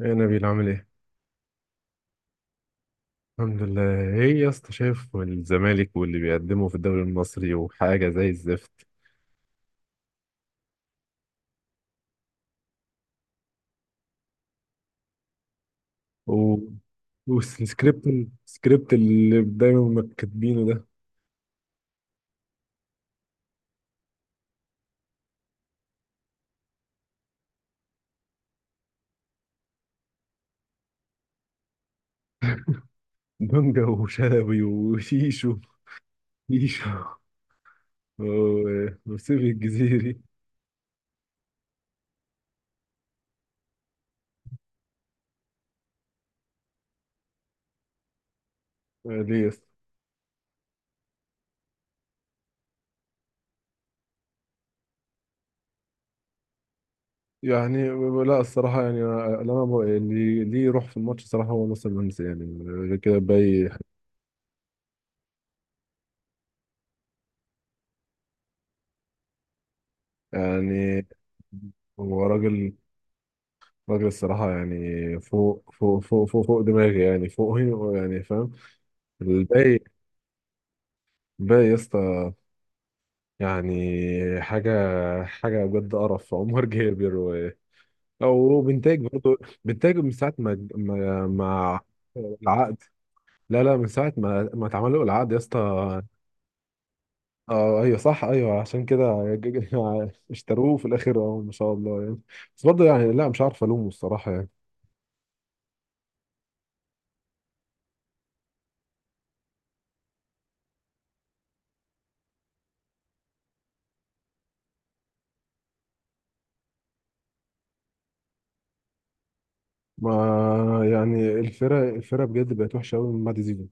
يا نبيل، عامل ايه؟ الحمد لله. ايه يا اسطى، شايف الزمالك واللي بيقدمه في الدوري المصري وحاجة زي الزفت. و... والسكريبت السكريبت اللي دايما ما كاتبينه ده. دونجا وشلبي وشيشو. شيشو و- وسيف الجزيري. آه، ليه يا اسطى؟ يعني لا، الصراحة يعني اللي ليه يروح في الماتش صراحة هو ناصر منسي، يعني غير كده باي. يعني هو راجل، راجل الصراحة يعني. فوق فوق فوق فوق فوق دماغي، يعني فوقي. يعني فاهم الباقي. الباقي يا اسطى يعني حاجة، حاجة بجد قرف. عمر جابر أو بنتاج برضه. بنتاج من ساعة ما العقد. لا لا، من ساعة ما اتعمل له العقد يا اسطى. اه ايوه صح، ايوه عشان كده. اشتروه في الاخر، اه ما شاء الله يعني. بس برضه يعني لا، مش عارف الومه الصراحة يعني. ما يعني، الفرق بجد بقت وحشه قوي من بعد زيزو.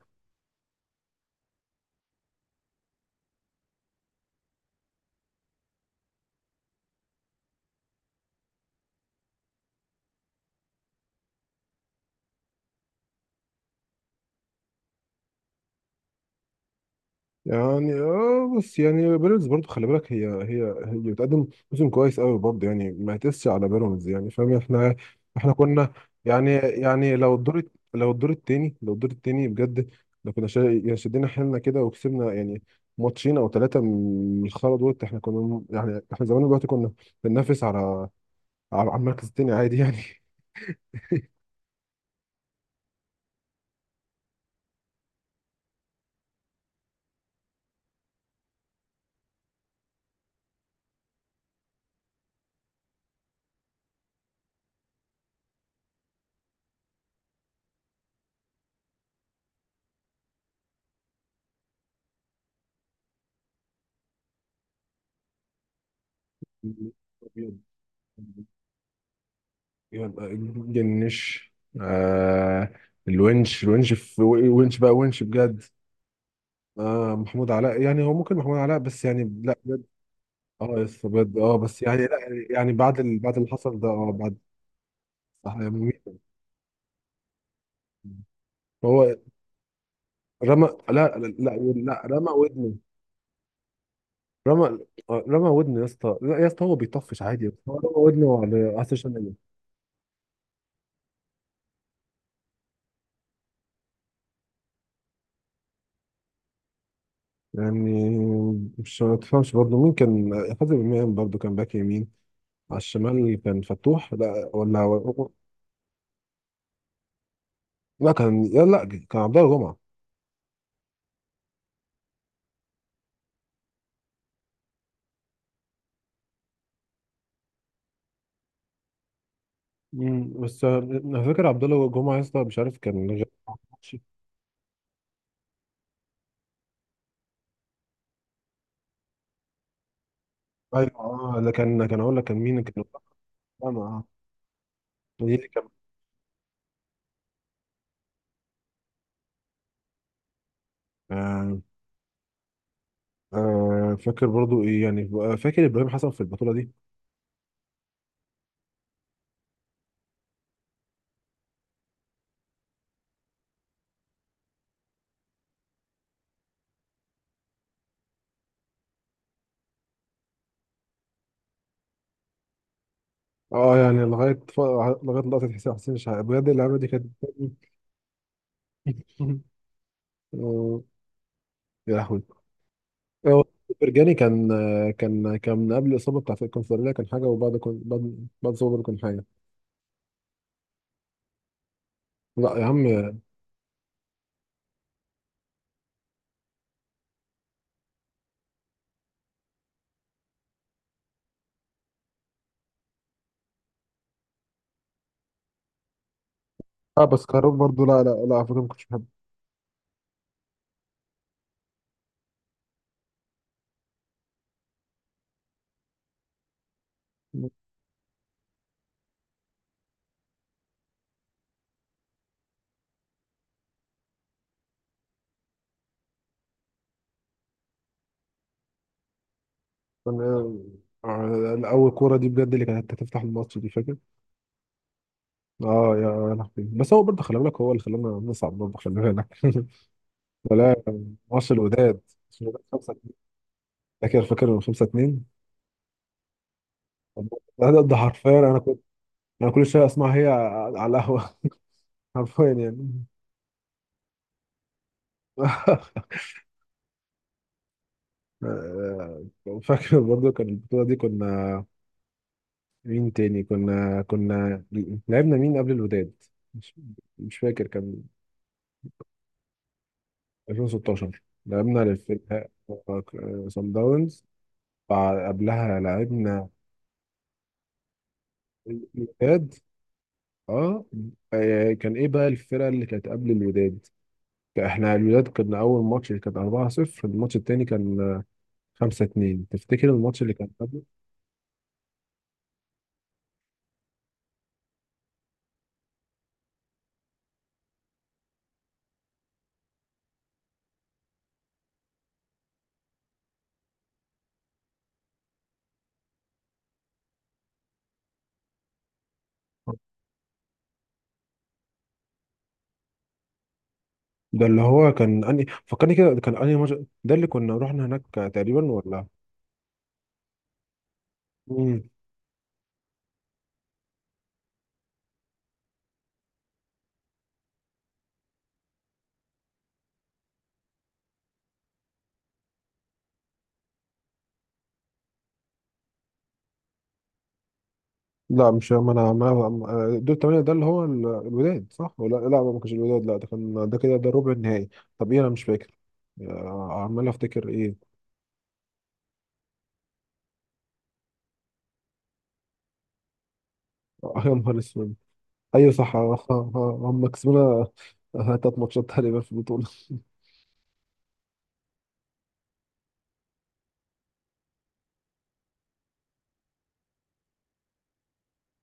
يعني اه، بس يعني بيراميدز برضو خلي بالك، هي بتقدم موسم كويس قوي برضو يعني، ما تقسش على بيراميدز، يعني فاهم. احنا احنا كنا، يعني يعني لو الدور، لو الدور التاني بجد، لو كنا شا- يعني شدينا حيلنا كده وكسبنا، يعني ماتشين او ثلاثه من الخرا دول، احنا كنا يعني احنا زمان، دلوقتي كنا بننافس على على المركز التاني عادي يعني. يبقى جنش، آه. الونش في ونش بقى، ونش بجد. آه محمود علاء، يعني هو ممكن محمود علاء بس، يعني لا بجد. اه يس بجد، اه بس يعني لا. يعني بعد اللي حصل ده، اه بعد. صح يعني. هو رمى، لا لا لا, لا رمى ودنه. رمى آه، رمى ودنه يا اسطى، لا يا اسطى، هو بيطفش عادي، بس هو رمى ودنه على اساس يعني. مش ما تفهمش برضه، مين كان؟ حازم امام برضه كان باك يمين. على الشمال كان فتوح، لا ولا. لا كان، لا كان عبد الله جمعة. مم. بس انا فاكر عبد الله جمعة يا اسطى، مش عارف كان ايوه، اه. ده كان اقول لك، كان مين كان. انا اه، دي اللي كان. آه. آه، فاكر برضو ايه يعني، آه، فاكر ابراهيم حسن في البطولة دي. اه يعني لغاية لقطة حسين شحاتة، بجد اللعبة دي كانت. آه، يا لهوي. هو برجاني كان، كان من قبل الاصابه بتاعت الكونفدراليه كان حاجه، وبعد كون بعد بعد الاصابه برضه كان حاجه. لا يا عم. اه بس كاروك برضه، لا لا لا، على فكره ما كنتش بحبه. كان، آه، اول كوره دي بجد اللي كانت هتفتح الماتش دي، فاكر؟ اه يا لهوي. بس هو برضه خلي بالك، هو اللي خلانا نصعد، برضه خلي بالك. ولا ماتش الوداد 5-2. فاكر 5-2. ده حرفيا، انا كنت، انا كل شويه اسمع هي على القهوه. حرفيا يعني. آه، آه، فاكر برضو كان البطولة دي كنا، مين تاني كنا لعبنا مين قبل الوداد؟ مش, مش فاكر. كان 2016 لعبنا للفرقة سان داونز. قبلها لعبنا الوداد، اه. آه، كان ايه بقى الفرقة اللي كانت قبل الوداد؟ احنا الوداد كنا اول ماتش كان 4-0، الماتش التاني كان 5-2، تفتكر الماتش اللي كان قبله؟ ده اللي هو كان اني فكرني كده، كان اني ده اللي كنا رحنا هناك تقريبا، ولا؟ مم. لا مش ما انا ما أنا- دول الثمانية، ده اللي هو الوداد صح؟ ولا لا، ما كانش الوداد، لا، ده كان، ده كده، ده ربع النهائي. طب ايه؟ انا مش فاكر. آه، عمال افتكر ايه. آه، يا نهار اسود. ايوه صح، آه، آه، آه، هم كسبونا، آه، تلات ماتشات تقريبا في البطولة.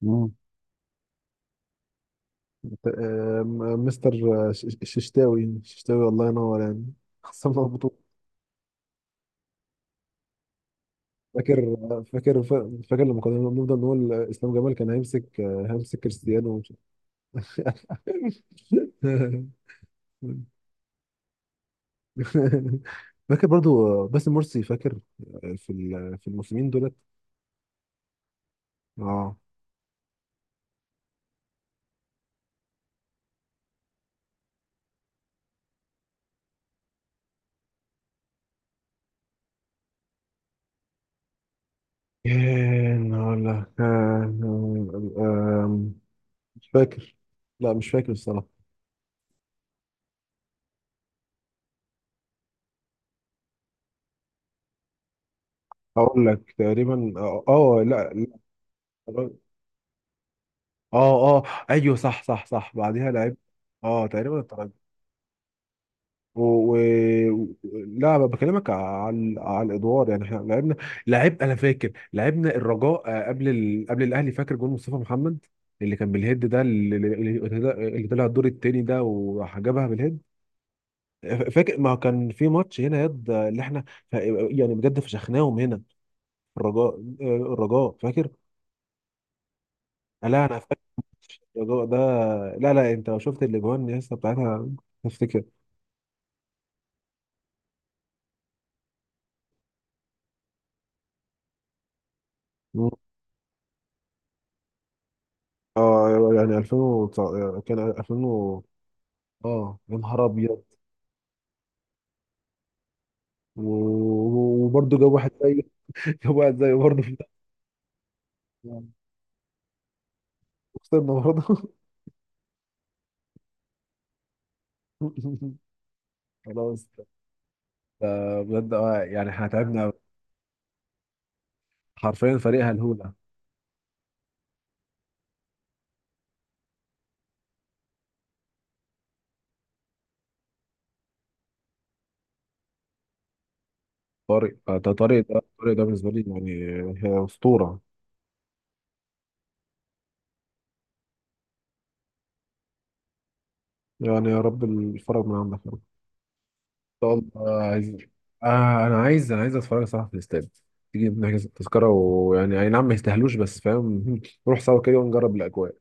مم. آه، مستر، آه، ششتاوي، الله ينور يعني. خسرنا البطولة. فاكر فاكر فاكر لما كنا بنفضل نقول اسلام جمال كان هيمسك كريستيانو فاكر برضو باسم مرسي، فاكر في في الموسمين دولت. اه كان ولا كان. آم، مش فاكر، لا مش فاكر الصراحة. هقول لك تقريبا، اه آه، لا لا. اه اه ايوه صح صح صح، بعديها لعب، اه تقريبا. و... و... لا، بكلمك على الادوار يعني، احنا لعبنا، انا فاكر لعبنا الرجاء، آه، قبل الاهلي، فاكر جون مصطفى محمد اللي كان بالهيد ده، اللي طلع الدور التاني ده، وراح جابها بالهيد. فاكر ما كان في ماتش هنا يد اللي احنا ف- يعني بجد فشخناهم هنا، الرجاء. آه، الرجاء فاكر. آه، لا انا فاكر الرجاء ده. لا لا، انت لو شفت الاجوان لسه بتاعتها تفتكر. مم. اه يعني 2000، كان 2000، اه يا نهار ابيض. و- وبرضه جاب واحد زيه. جاب واحد زيه برضه في الآخر. وخسرنا برضه. خلاص ده. بجد، اه يعني، احنا تعبنا أوي. حرفيا فريق هلهولة. طارق، آه، ده طارق ده بالنسبة لي يعني، هي أسطورة. يعني يا رب الفرج من عندك يا رب. ان شاء الله، عايز. آه انا عايز، اتفرج صراحة في الاستاد. تيجي نحجز التذكرة، ويعني اي نعم، ما يستاهلوش، بس فاهم نروح سوا كده ونجرب الاجواء.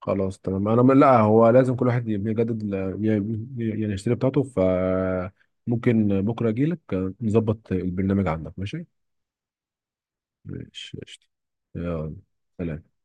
خلاص تمام، انا لا، هو لازم كل واحد يجدد يعني يشتري بتاعته، فممكن بكره اجي لك نظبط البرنامج عندك، ماشي؟ ماشي قشطة. يلا سلام.